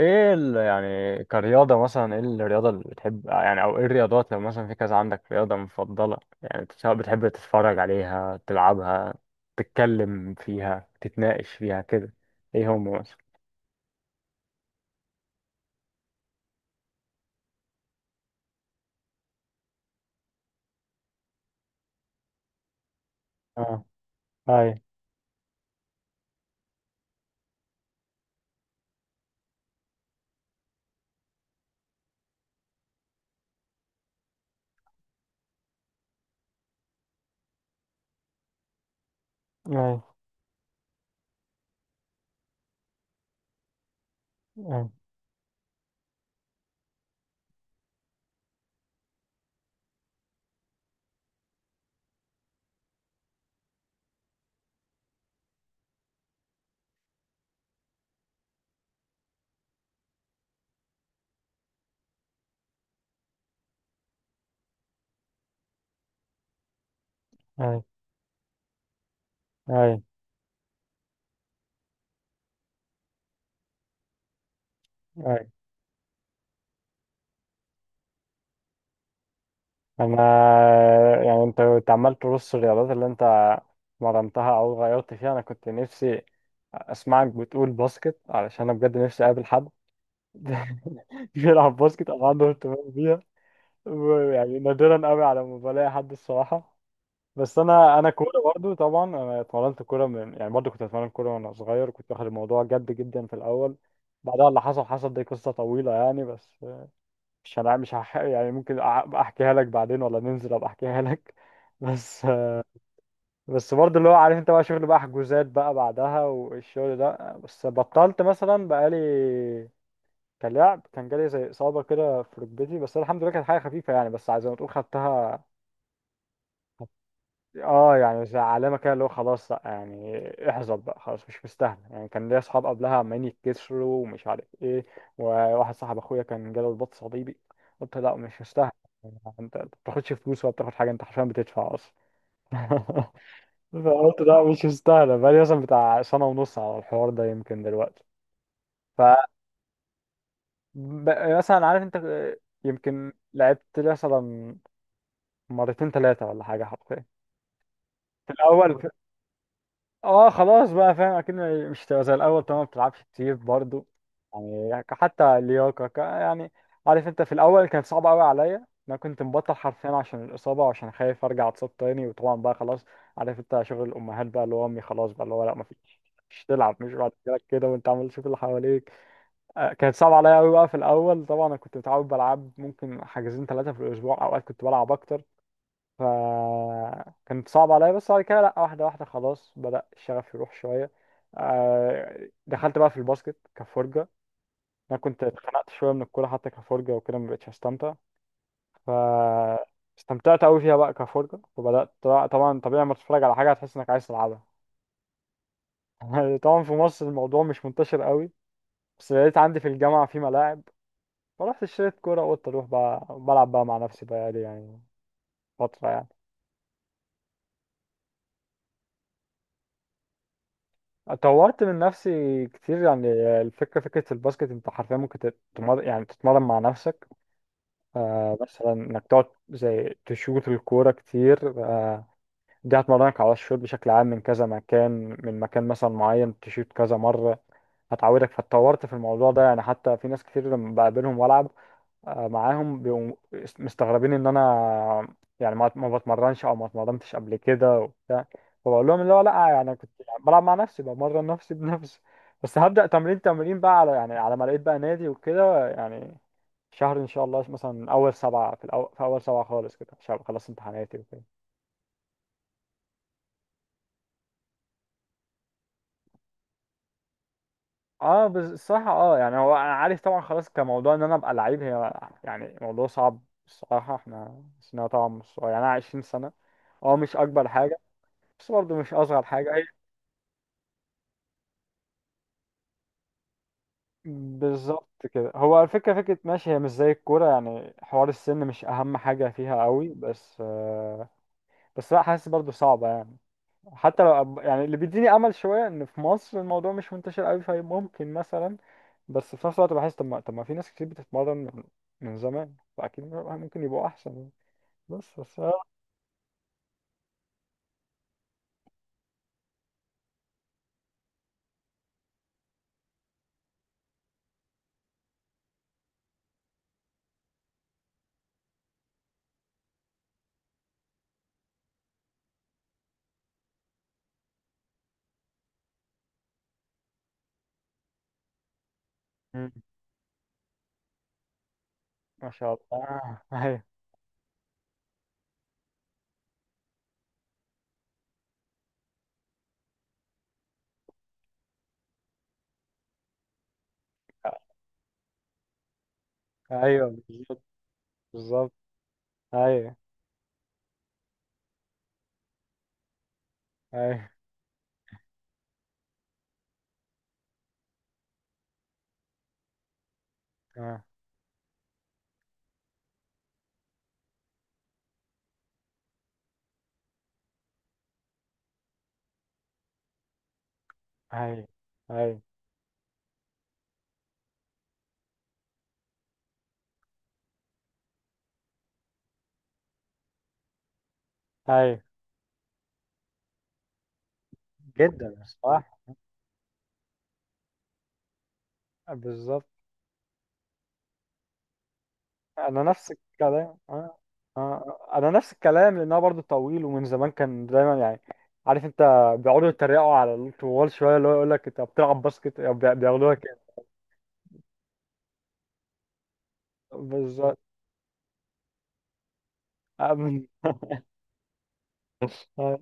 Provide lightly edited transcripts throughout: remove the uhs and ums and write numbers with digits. ايه يعني كرياضة مثلا، ايه الرياضة اللي بتحب؟ يعني او ايه الرياضات؟ لو مثلا في كذا عندك رياضة مفضلة، يعني سواء بتحب تتفرج عليها، تلعبها، تتكلم فيها، تتناقش فيها كده؟ ايه هم مثلا؟ اه. اي. اي. اي. اي. اي. اي. انا، يعني انت كنت عمال ترص الرياضات اللي انت مرنتها او غيرت فيها. انا كنت نفسي اسمعك بتقول باسكت، علشان انا بجد نفسي اقابل حد بيلعب باسكت او عنده اهتمام بيها. يعني نادرا قوي على ما بلاقي حد الصراحه. بس انا كوره برضو، طبعا انا اتمرنت كوره من، يعني برضو كنت اتمرن كوره وانا صغير، كنت واخد الموضوع جد جدا في الاول. بعدها اللي حصل حصل، دي قصه طويله يعني، بس مش هح... يعني ممكن أبقى احكيها لك بعدين، ولا ننزل ابقى احكيها لك؟ بس. بس برضه اللي هو، عارف انت، بقى شغل بقى، حجوزات بقى بعدها والشغل ده، بس بطلت مثلا بقالي كلاعب، كان جالي زي إصابة كده في ركبتي، بس أنا الحمد لله كانت حاجة خفيفة يعني، بس زي ما تقول خدتها. اه، يعني زي علامة كده، اللي هو خلاص لأ، يعني احزر بقى، خلاص مش مستاهل. يعني كان ليا أصحاب قبلها عمالين يتكسروا ومش عارف إيه، وواحد صاحب أخويا كان جاله رباط صليبي. قلت لأ مش مستاهل، يعني أنت ما بتاخدش فلوس ولا بتاخد حاجة، أنت حرفيا بتدفع أصلا. فقلت لأ مش مستاهلة، بقالي مثلا بتاع سنة ونص على الحوار ده يمكن دلوقتي. ف، مثلا عارف أنت، يمكن لعبت مثلا مرتين ثلاثة ولا حاجة حرفيا. في الأول اه خلاص بقى فاهم أكيد. مش تبقى زي الأول طبعا، ما بتلعبش كتير برضو، يعني حتى اللياقة يعني عارف أنت، في الأول كان صعب أوي عليا، أنا كنت مبطل حرفيا عشان الإصابة وعشان خايف أرجع أتصاب تاني، وطبعا بقى خلاص عارف أنت شغل الأمهات بقى، اللي هو أمي خلاص بقى اللي هو لأ مفيش، مش تلعب، مش بعد كده كده، وأنت عمال تشوف اللي حواليك. كانت صعبة عليا أوي بقى في الأول، طبعا أنا كنت متعود بلعب ممكن حاجزين ثلاثة في الأسبوع، أوقات كنت بلعب أكتر، فكانت صعبة عليا، بس بعد كده لأ، واحدة واحدة خلاص بدأ الشغف يروح شوية. دخلت بقى في الباسكت كفرجة. أنا كنت اتخنقت شوية من الكورة حتى كفرجة وكده، مبقتش أستمتع. ف، استمتعت أوي فيها بقى كفرجة، فبدأت، طبعا طبيعي لما تتفرج على حاجة هتحس إنك عايز تلعبها. طبعا في مصر الموضوع مش منتشر أوي، بس لقيت عندي في الجامعة في ملاعب، فرحت اشتريت كورة، وقلت أروح بقى بلعب بقى مع نفسي بقى لي يعني فترة يعني. طورت من نفسي كتير يعني. الفكرة، فكرة الباسكت، انت حرفيا ممكن يعني تتمرن مع نفسك. آه مثلا انك تقعد زي تشوط الكورة كتير. آه، دي هتمرنك على الشوط بشكل عام، من كذا مكان، من مكان مثلا معين تشوط كذا مرة هتعودك. فاتطورت في الموضوع ده يعني، حتى في ناس كتير لما بقابلهم والعب معاهم، بيبقوا مستغربين ان انا يعني ما بتمرنش او ما اتمرنتش قبل كده وبتاع. فبقول لهم اللي هو لا، يعني كنت يعني بلعب مع نفسي، بمرن نفسي بنفسي. بس هبدأ تمرين بقى على، يعني على ما لقيت بقى نادي وكده يعني، شهر ان شاء الله، مثلا اول سبعة، في اول سبعة خالص كده، عشان أبقى خلصت امتحاناتي وكده. اه بس الصراحة، اه يعني هو، انا عارف طبعا خلاص كموضوع ان انا ابقى لعيب هي، يعني موضوع صعب. الصراحة احنا سننا طبعا مش صغير، يعني انا 20 سنة. اه مش اكبر حاجة، بس برضه مش اصغر حاجه هي. بالظبط كده، هو الفكره، فكره ماشي هي مش زي الكوره، يعني حوار السن مش اهم حاجه فيها قوي، بس بس لا، حاسس برضه صعبه يعني. حتى لو يعني اللي بيديني امل شويه ان في مصر الموضوع مش منتشر قوي فممكن مثلا. بس في نفس الوقت بحس، طب ما في ناس كتير بتتمرن من زمان، فاكيد ممكن يبقوا احسن يعني. بس مم. ما شاء الله. آه، ايوه، ايوه، بالظبط. بالظبط. ايوه. ايوه، آه، ايوه، ايوه. ايوه، جدا الصراحة. بالظبط. انا نفس الكلام. آه. آه. انا نفس الكلام، لان هو برضه طويل ومن زمان كان دايما يعني، عارف انت، بيقعدوا يتريقوا على الطوال شويه، اللي هو يقول لك انت بتلعب باسكت يعني بياخدوها كده. بالظبط. آه. آه.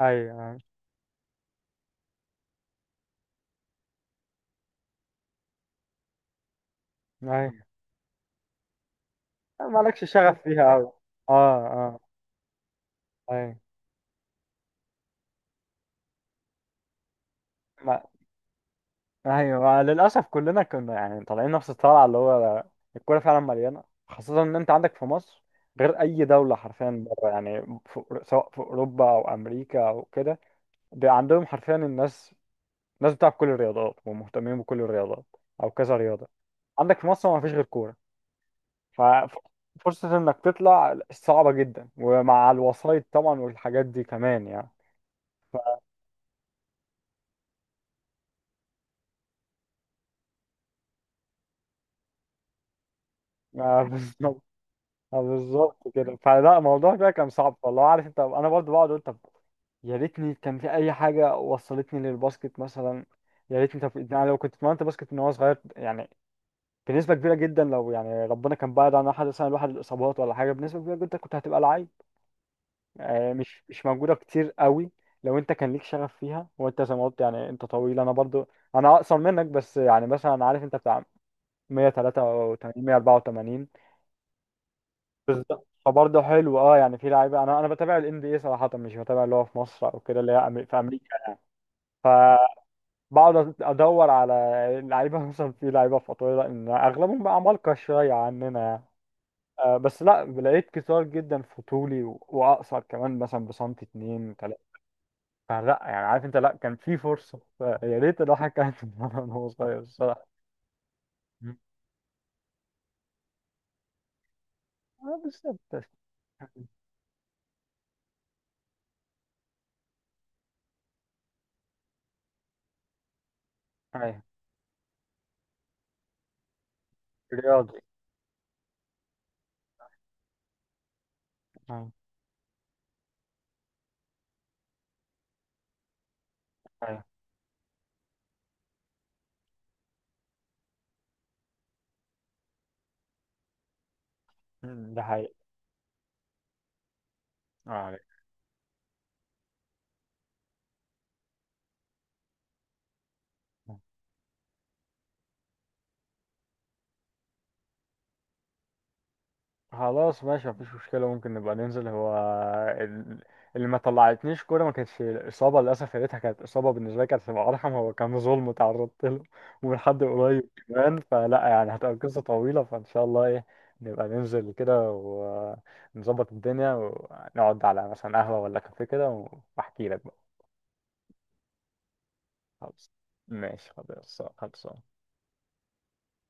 ايوه، ايوه، أيوة. مالكش شغف فيها قوي. اه، اه. ايوه. ايوه، للاسف كلنا كنا يعني طالعين نفس الطلعه، اللي هو الكوره فعلا مليانه، خاصه ان انت عندك في مصر غير اي دوله حرفيا بره يعني، في، سواء في اوروبا او امريكا او كده، بيبقى عندهم حرفيا، الناس بتلعب كل الرياضات ومهتمين بكل الرياضات او كذا رياضه. عندك في مصر ما فيش غير كوره، ففرصه انك تطلع صعبه جدا، ومع الوسائط طبعا والحاجات دي كمان يعني. اه بالظبط كده، فلا الموضوع ده كان صعب، فالله عارف انت، انا برضو بقعد اقول، طب يا ريتني كان في اي حاجه وصلتني للباسكت مثلا، يا ريتني، طب يعني لو كنت اتمرنت باسكت من وانا صغير يعني، بنسبه كبيره جدا، لو يعني ربنا كان بعد عن احد مثلا، الواحد الاصابات ولا حاجه، بنسبه كبيره جدا كنت هتبقى لعيب. مش موجوده كتير قوي، لو انت كان ليك شغف فيها، وانت زي ما قلت يعني انت طويل، انا برضو، انا اقصر منك بس، يعني مثلا عارف انت بتاع 183، 184. بالظبط، فبرضه حلو اه، يعني في لعيبه، انا بتابع الان بي اي صراحه، مش بتابع اللي هو في مصر او كده، اللي هي في امريكا، فبقعد ادور على لعيبه. مثلا في لعيبه في اطوله ان اغلبهم بقى عمالقه شويه عننا يعني. آه بس لا، لقيت كتار جدا في طولي واقصر كمان مثلا بسنتي اتنين تلاته. فلا يعني عارف انت، لا كان في فرصه، يا ريت الواحد كان يتمرن وهو صغير الصراحه. آه بالظبط. ايوه. رياضي. ايوه. أيوة. ده حقيقي. آه. عليك. خلاص ماشي، مفيش مشكلة، ممكن نبقى ننزل، هو ال- اللي ما طلعتنيش كورة ما كانتش إصابة للأسف، يا ريتها كانت إصابة، بالنسبة لي كانت هتبقى أرحم، هو كان ظلم تعرضت له ومن حد قريب كمان، فلا يعني هتبقى قصة طويلة، فإن شاء الله إيه نبقى ننزل كده، ونظبط الدنيا، ونقعد على مثلا قهوة ولا كافيه كده، وأحكي لك بقى. خلاص. ماشي، خلاص، خلاص.